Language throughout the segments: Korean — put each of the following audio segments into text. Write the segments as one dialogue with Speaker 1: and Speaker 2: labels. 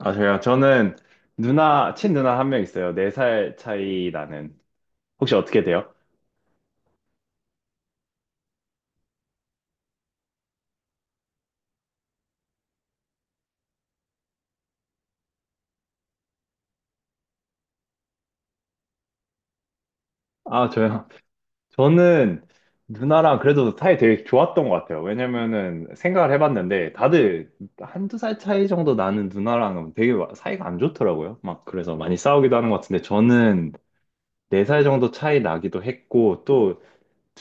Speaker 1: 아, 저요? 저는 누나, 친누나 한 명 있어요. 네 살 차이 나는. 혹시 어떻게 돼요? 아, 저요? 저는 누나랑 그래도 사이 되게 좋았던 것 같아요. 왜냐면은 생각을 해봤는데 다들 한두 살 차이 정도 나는 누나랑은 되게 사이가 안 좋더라고요. 막 그래서 많이 싸우기도 하는 것 같은데 저는 네 살 정도 차이 나기도 했고 또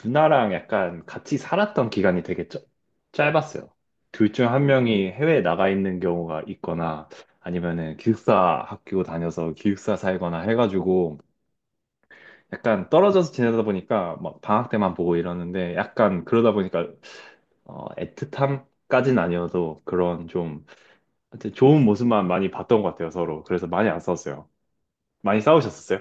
Speaker 1: 누나랑 약간 같이 살았던 기간이 되게 짧았어요. 둘 중 한 명이 해외에 나가 있는 경우가 있거나 아니면은 기숙사 학교 다녀서 기숙사 살거나 해가지고 약간 떨어져서 지내다 보니까 막 방학 때만 보고 이러는데 약간 그러다 보니까 애틋함까진 아니어도 그런 좀 하여튼 좋은 모습만 많이 봤던 것 같아요, 서로. 그래서 많이 안 싸웠어요. 많이 싸우셨었어요?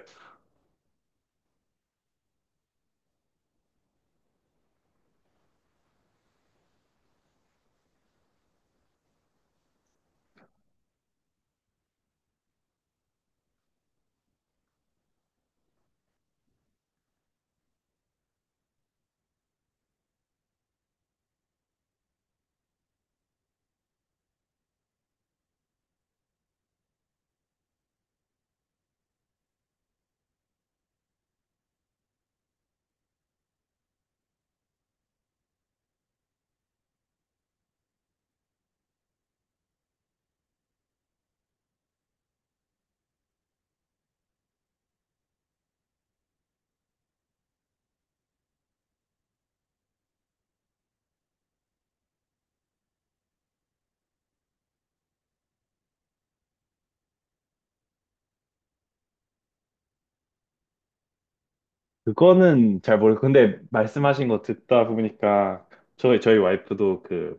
Speaker 1: 그거는 잘 모르고 근데 말씀하신 거 듣다 보니까 저희 와이프도 그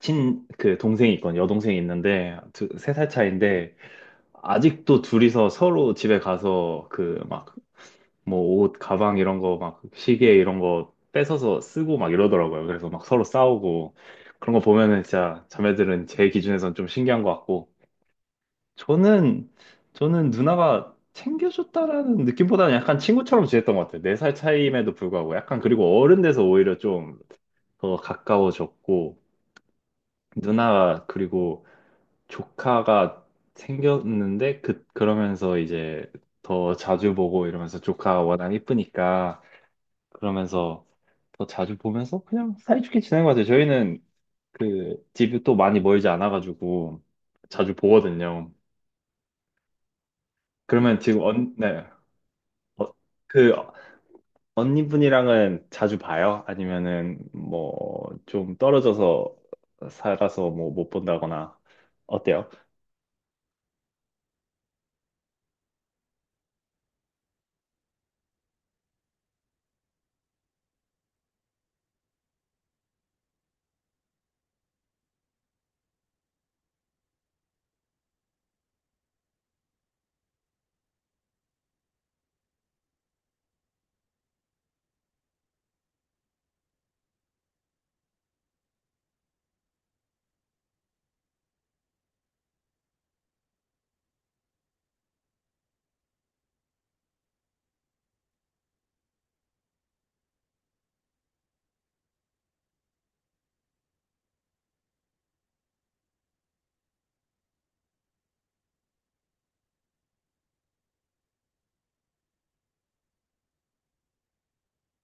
Speaker 1: 친, 그 동생이 있거든. 여동생이 있는데, 두, 세 살 차이인데, 아직도 둘이서 서로 집에 가서 그 막, 뭐 옷, 가방 이런 거 막, 시계 이런 거 뺏어서 쓰고 막 이러더라고요. 그래서 막 서로 싸우고, 그런 거 보면은 진짜 자매들은 제 기준에선 좀 신기한 것 같고, 저는, 저는 누나가 챙겨줬다라는 느낌보다는 약간 친구처럼 지냈던 것 같아요. 네 살 차이임에도 불구하고. 약간 그리고 어른 돼서 오히려 좀 더 가까워졌고, 누나가 그리고 조카가 생겼는데 그러면서 이제 더 자주 보고 이러면서 조카가 워낙 이쁘니까 그러면서 더 자주 보면서 그냥 사이좋게 지낸 것 같아요. 저희는 그 집이 또 많이 멀지 않아가지고 자주 보거든요. 그러면 지금 언, 네. 어, 그 언니분이랑은 자주 봐요? 아니면은 뭐 좀 떨어져서 살아서 뭐 못 본다거나 어때요?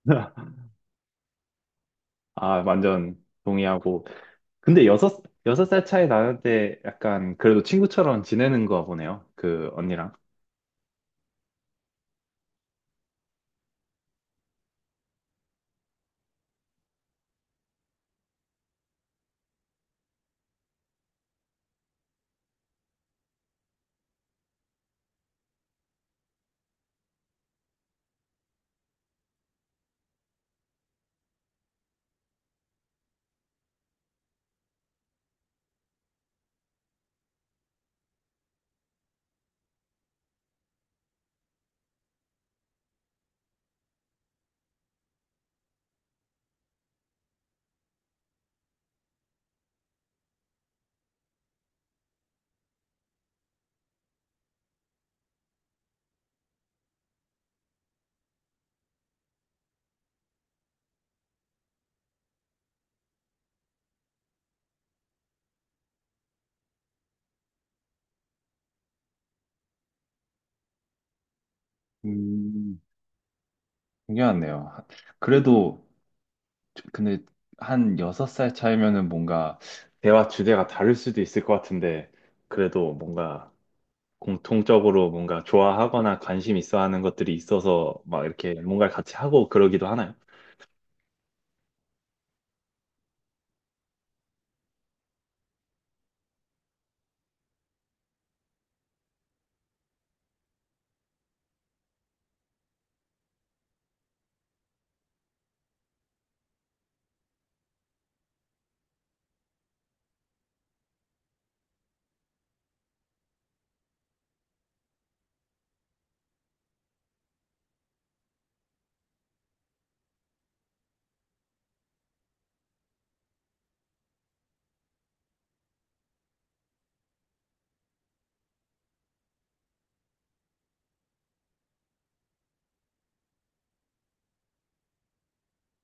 Speaker 1: 아, 완전 동의하고 근데 여섯, 여섯 살 차이 나는데 약간 그래도 친구처럼 지내는 거 보네요. 그 언니랑. 음, 중요하네요. 그래도, 근데 한 여섯 살 차이면은 뭔가, 대화 주제가 다를 수도 있을 것 같은데, 그래도 뭔가 공통적으로 뭔가 좋아하거나 관심 있어 하는 것들이 있어서 막 이렇게 뭔가를 같이 하고 그러기도 하나요?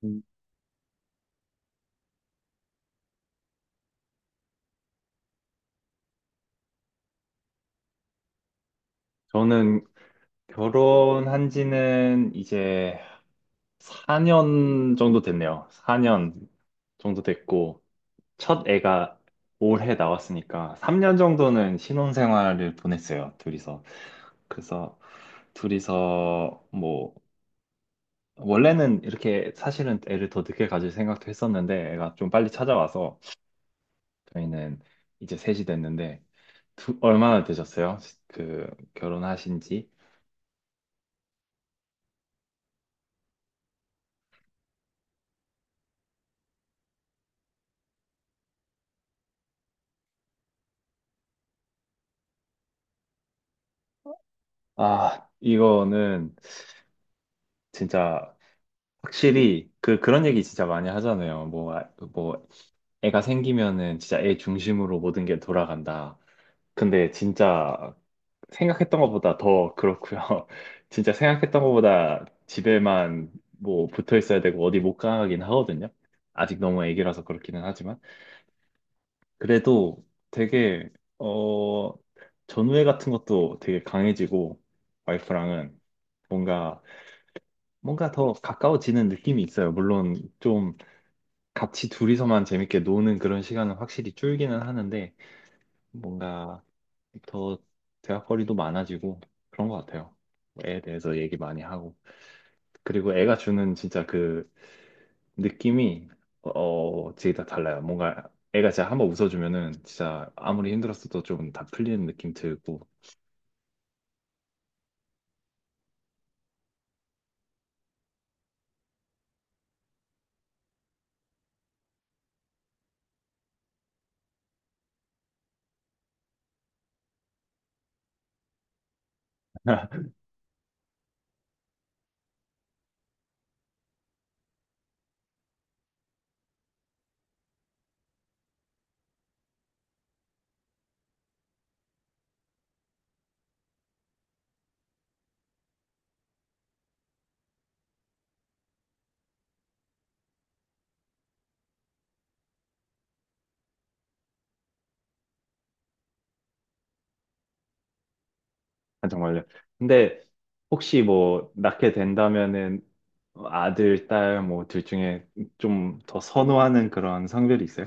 Speaker 1: 음, 저는 결혼한 지는 이제 4년 정도 됐네요. 4년 정도 됐고, 첫 애가 올해 나왔으니까, 3년 정도는 신혼생활을 보냈어요, 둘이서. 그래서, 둘이서, 뭐, 원래는 이렇게 사실은 애를 더 늦게 가질 생각도 했었는데, 애가 좀 빨리 찾아와서, 저희는 이제 셋이 됐는데, 얼마나 되셨어요? 그, 결혼하신 지? 아, 이거는 진짜, 확실히 그런 얘기 진짜 많이 하잖아요. 뭐 아, 뭐 애가 생기면은 진짜 애 중심으로 모든 게 돌아간다. 근데 진짜 생각했던 것보다 더 그렇고요. 진짜 생각했던 것보다 집에만 뭐 붙어 있어야 되고 어디 못 가긴 하거든요. 아직 너무 애기라서 그렇기는 하지만 그래도 되게 어 전우애 같은 것도 되게 강해지고 와이프랑은 뭔가 더 가까워지는 느낌이 있어요. 물론 좀 같이 둘이서만 재밌게 노는 그런 시간은 확실히 줄기는 하는데 뭔가 더 대화거리도 많아지고 그런 것 같아요. 애에 대해서 얘기 많이 하고. 그리고 애가 주는 진짜 그 느낌이 진짜 다 달라요. 뭔가 애가 진짜 한번 웃어주면은 진짜 아무리 힘들었어도 좀 다 풀리는 느낌 들고. 아, 정말요. 근데 혹시 뭐 낳게 된다면은 아들, 딸 뭐 둘 중에 좀 더 선호하는 그런 성별이 있어요?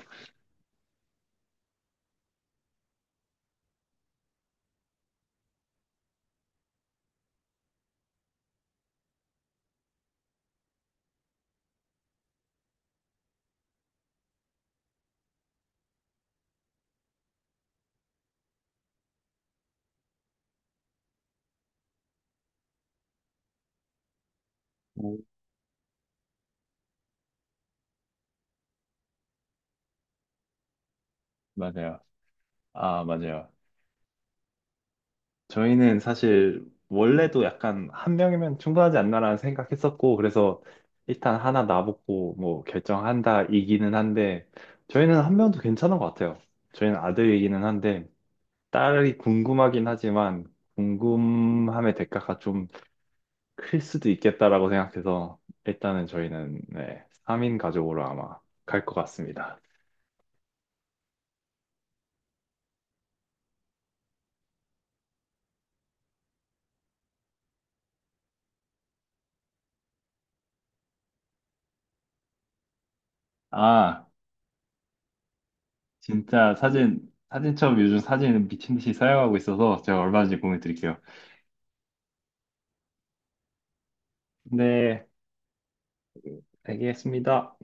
Speaker 1: 오. 맞아요. 아, 맞아요. 저희는 사실 원래도 약간 한 명이면 충분하지 않나라는 생각했었고 그래서 일단 하나 놔보고 뭐 결정한다 이기는 한데 저희는 한 명도 괜찮은 것 같아요. 저희는 아들이기는 한데 딸이 궁금하긴 하지만 궁금함의 대가가 좀 클 수도 있겠다라고 생각해서 일단은 저희는 네, 3인 가족으로 아마 갈 것 같습니다. 아, 진짜 사진첩 요즘 사진 미친 듯이 사용하고 있어서 제가 얼마 전에 공유 드릴게요. 네, 알겠습니다.